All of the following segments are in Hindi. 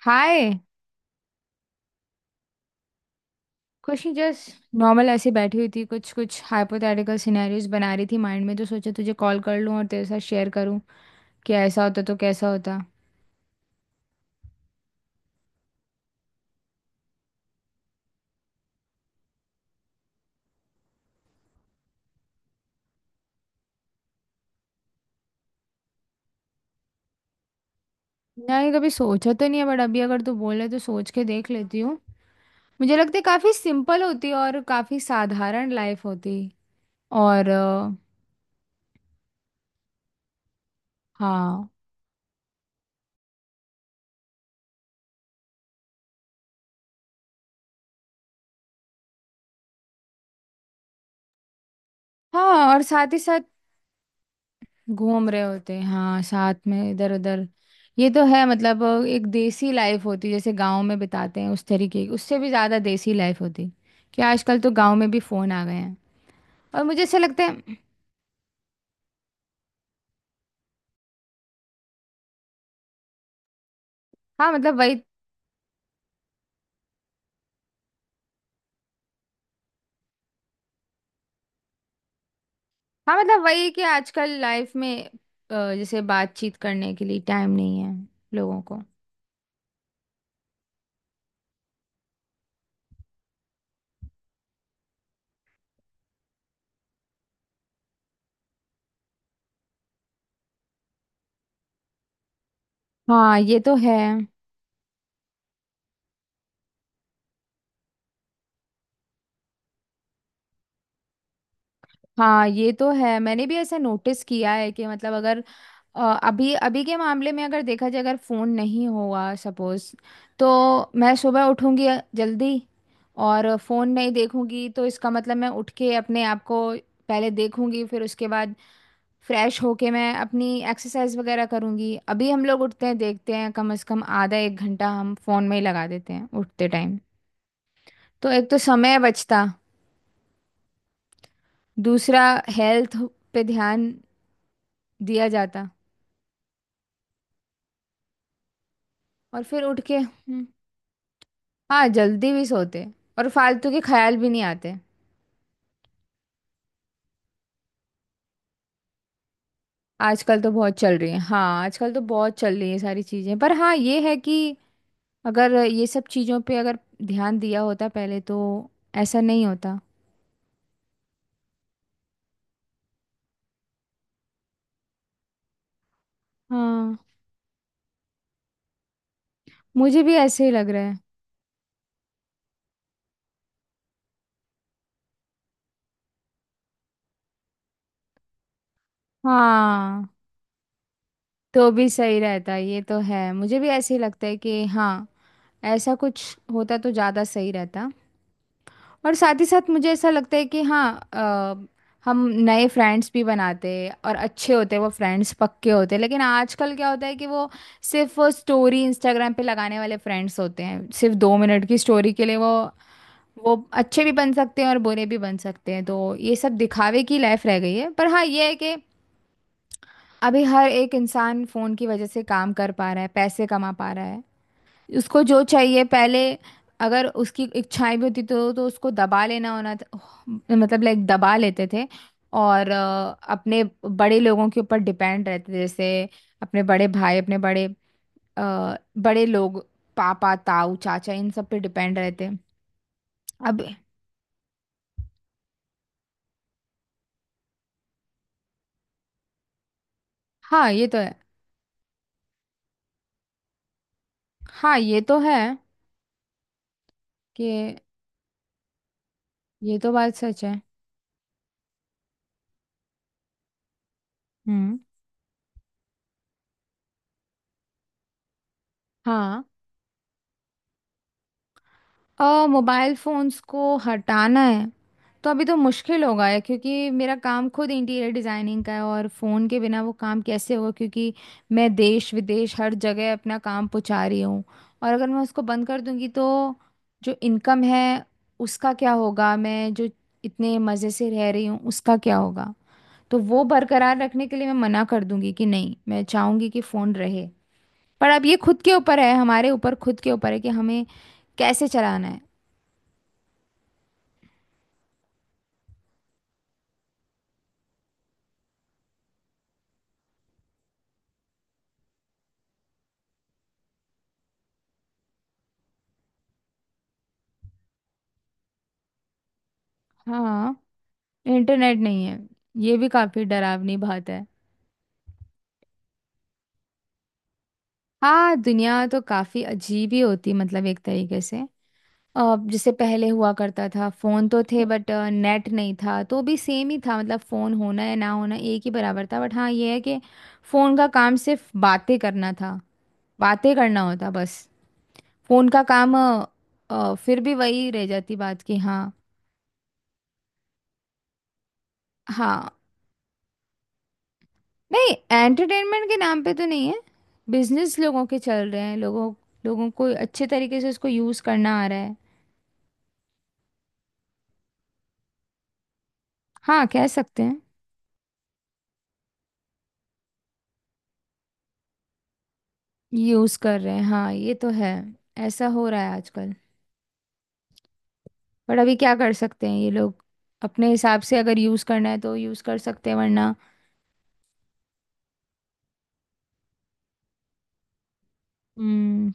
हाय। कुछ नहीं, जस्ट नॉर्मल ऐसे बैठी हुई थी, कुछ कुछ हाइपोथेटिकल सिनेरियोज बना रही थी माइंड में, तो सोचा तुझे कॉल कर लूँ और तेरे साथ शेयर करूँ कि ऐसा होता तो कैसा होता। नहीं कभी सोचा तो नहीं है बट अभी अगर तू बोले तो सोच के देख लेती हूँ। मुझे लगता है काफ़ी सिंपल होती और काफ़ी साधारण लाइफ होती। और हाँ। हाँ और साथ ही साथ घूम रहे होते हैं, हाँ, साथ में इधर उधर। ये तो है, मतलब एक देसी लाइफ होती जैसे गांव में बिताते हैं उस तरीके की, उससे भी ज़्यादा देसी लाइफ होती कि आजकल तो गांव में भी फ़ोन आ गए हैं। और मुझे ऐसा लगता है हाँ मतलब वही। हाँ मतलब वही है कि आजकल लाइफ में जैसे बातचीत करने के लिए टाइम नहीं है लोगों को। हाँ ये तो है। हाँ ये तो है, मैंने भी ऐसा नोटिस किया है कि मतलब अगर अभी अभी के मामले में अगर देखा जाए, अगर फ़ोन नहीं हुआ सपोज़, तो मैं सुबह उठूंगी जल्दी, और फ़ोन नहीं देखूंगी तो इसका मतलब मैं उठ के अपने आप को पहले देखूंगी, फिर उसके बाद फ्रेश होके मैं अपनी एक्सरसाइज वगैरह करूंगी। अभी हम लोग उठते हैं, देखते हैं कम से कम आधा एक घंटा हम फ़ोन में ही लगा देते हैं उठते टाइम। तो एक तो समय बचता, दूसरा हेल्थ पे ध्यान दिया जाता। और फिर उठ के हाँ जल्दी भी सोते, और फालतू के ख्याल भी नहीं आते। आजकल तो बहुत चल रही है, हाँ आजकल तो बहुत चल रही है सारी चीज़ें। पर हाँ ये है कि अगर ये सब चीज़ों पे अगर ध्यान दिया होता पहले, तो ऐसा नहीं होता। हाँ मुझे भी ऐसे ही लग रहा है। हाँ तो भी सही रहता, ये तो है, मुझे भी ऐसे ही लगता है कि हाँ ऐसा कुछ होता तो ज़्यादा सही रहता। और साथ ही साथ मुझे ऐसा लगता है कि हाँ अ, हम नए फ्रेंड्स भी बनाते हैं और अच्छे होते हैं, वो फ्रेंड्स पक्के होते हैं, लेकिन आजकल क्या होता है कि वो सिर्फ वो स्टोरी इंस्टाग्राम पे लगाने वाले फ्रेंड्स होते हैं, सिर्फ 2 मिनट की स्टोरी के लिए। वो अच्छे भी बन सकते हैं और बुरे भी बन सकते हैं, तो ये सब दिखावे की लाइफ रह गई है। पर हाँ ये है कि अभी हर एक इंसान फ़ोन की वजह से काम कर पा रहा है, पैसे कमा पा रहा है। उसको जो चाहिए पहले, अगर उसकी इच्छाएं भी होती तो उसको दबा लेना होना था। मतलब लाइक दबा लेते थे, और अपने बड़े लोगों के ऊपर डिपेंड रहते थे, जैसे अपने बड़े भाई, अपने बड़े अ, बड़े लोग, पापा, ताऊ, चाचा, इन सब पे डिपेंड रहते। अब हाँ ये तो है। हाँ ये तो है कि ये तो बात सच है। हम्म। हाँ मोबाइल फोन्स को हटाना है तो अभी तो मुश्किल होगा है, क्योंकि मेरा काम खुद इंटीरियर डिजाइनिंग का है, और फोन के बिना वो काम कैसे होगा, क्योंकि मैं देश विदेश हर जगह अपना काम पहुंचा रही हूँ। और अगर मैं उसको बंद कर दूंगी तो जो इनकम है उसका क्या होगा, मैं जो इतने मज़े से रह रही हूँ उसका क्या होगा। तो वो बरकरार रखने के लिए मैं मना कर दूंगी कि नहीं, मैं चाहूंगी कि फोन रहे। पर अब ये खुद के ऊपर है, हमारे ऊपर खुद के ऊपर है कि हमें कैसे चलाना है। हाँ इंटरनेट नहीं है, ये भी काफी डरावनी बात है। हाँ दुनिया तो काफी अजीब ही होती, मतलब एक तरीके से। अब जैसे पहले हुआ करता था फोन तो थे बट नेट नहीं था, तो भी सेम ही था, मतलब फोन होना या ना होना एक ही बराबर था। बट हाँ ये है कि फोन का काम सिर्फ बातें करना था, बातें करना होता बस। फोन का काम फिर भी वही रह जाती बात कि हाँ। हाँ नहीं, एंटरटेनमेंट के नाम पे तो नहीं है, बिजनेस लोगों के चल रहे हैं, लोगों लोगों को अच्छे तरीके से उसको यूज़ करना आ रहा है। हाँ कह सकते हैं। यूज़ कर रहे हैं, हाँ ये तो है, ऐसा हो रहा है आजकल। पर अभी क्या कर सकते हैं ये लोग, अपने हिसाब से अगर यूज़ करना है तो यूज़ कर सकते हैं वरना। हम्म।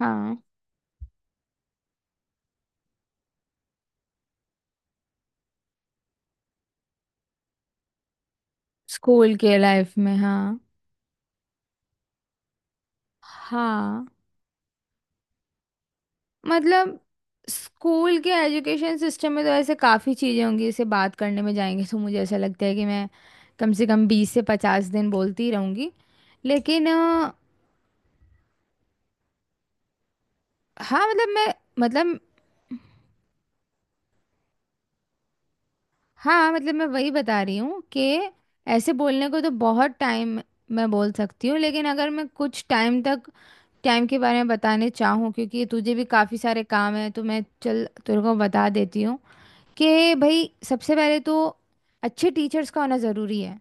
हाँ स्कूल के लाइफ में, हाँ। हाँ मतलब स्कूल के एजुकेशन सिस्टम में तो ऐसे काफ़ी चीज़ें होंगी, इसे बात करने में जाएंगे तो मुझे ऐसा लगता है कि मैं कम से कम 20 से 50 दिन बोलती ही रहूँगी। लेकिन हाँ मतलब मैं, मतलब हाँ मतलब मैं वही बता रही हूँ कि ऐसे बोलने को तो बहुत टाइम मैं बोल सकती हूँ, लेकिन अगर मैं कुछ टाइम तक टाइम के बारे में बताने चाहूँ क्योंकि तुझे भी काफ़ी सारे काम हैं, तो मैं चल तेरे को बता देती हूँ कि भाई सबसे पहले तो अच्छे टीचर्स का होना ज़रूरी है।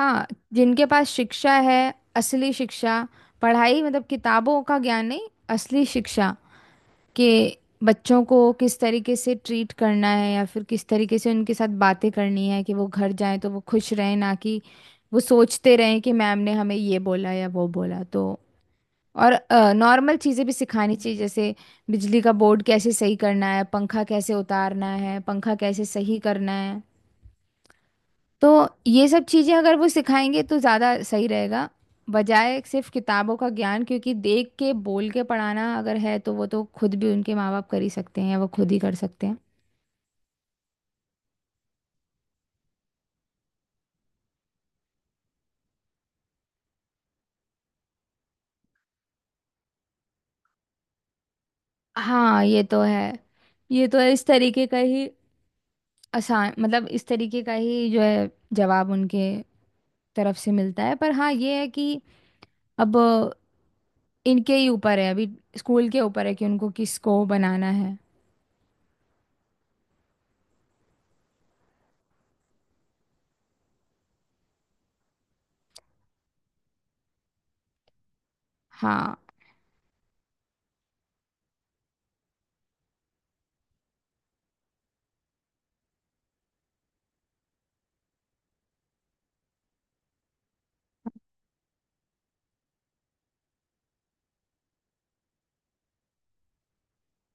हाँ जिनके पास शिक्षा है, असली शिक्षा। पढ़ाई मतलब किताबों का ज्ञान नहीं, असली शिक्षा के बच्चों को किस तरीके से ट्रीट करना है, या फिर किस तरीके से उनके साथ बातें करनी है कि वो घर जाएं तो वो खुश रहें, ना कि वो सोचते रहें कि मैम ने हमें ये बोला या वो बोला तो। और नॉर्मल चीज़ें भी सिखानी चाहिए, जैसे बिजली का बोर्ड कैसे सही करना है, पंखा कैसे उतारना है, पंखा कैसे सही करना है। तो ये सब चीजें अगर वो सिखाएंगे तो ज्यादा सही रहेगा, बजाय सिर्फ किताबों का ज्ञान। क्योंकि देख के बोल के पढ़ाना अगर है तो वो तो खुद भी उनके माँ बाप कर ही सकते हैं, या वो खुद ही कर सकते हैं। हाँ ये तो है, ये तो है, इस तरीके का ही आसान, मतलब इस तरीके का ही जो है जवाब उनके तरफ से मिलता है। पर हाँ ये है कि अब इनके ही ऊपर है, अभी स्कूल के ऊपर है कि उनको किसको बनाना है। हाँ।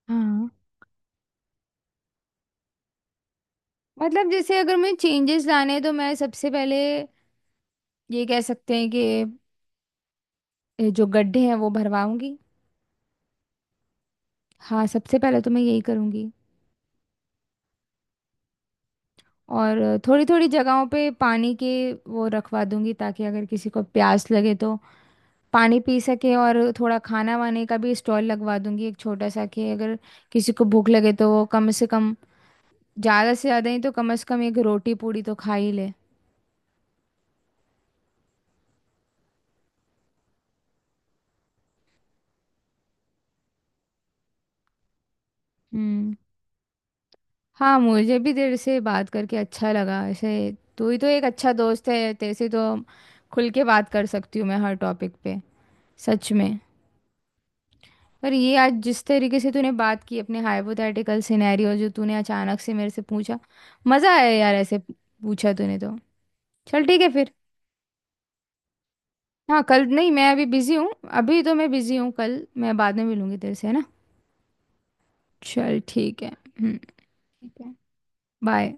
हाँ मतलब जैसे अगर मैं चेंजेस लाने हैं, तो मैं सबसे पहले ये कह सकते हैं कि ये जो गड्ढे हैं वो भरवाऊंगी। हाँ सबसे पहले तो मैं यही करूंगी। और थोड़ी थोड़ी जगहों पे पानी के वो रखवा दूंगी, ताकि अगर किसी को प्यास लगे तो पानी पी सके। और थोड़ा खाना वाने का भी स्टॉल लगवा दूंगी एक छोटा सा, कि अगर किसी को भूख लगे तो वो कम से कम, ज़्यादा से ज़्यादा ही तो कम से कम एक रोटी पूड़ी तो खा ही ले। हम्म। हाँ मुझे भी तेरे से बात करके अच्छा लगा ऐसे। तू ही तो एक अच्छा दोस्त है, तेरे से तो खुल के बात कर सकती हूँ मैं हर टॉपिक पे, सच में। पर ये आज जिस तरीके से तूने बात की, अपने हाइपोथेटिकल सिनेरियो जो तूने अचानक से मेरे से पूछा, मज़ा आया यार, ऐसे पूछा तूने तो। चल ठीक है फिर। हाँ कल नहीं, मैं अभी बिज़ी हूँ। अभी तो मैं बिज़ी हूँ, कल मैं बाद में मिलूंगी तेरे से, है ना। चल ठीक है, हम्म, ठीक है। बाय।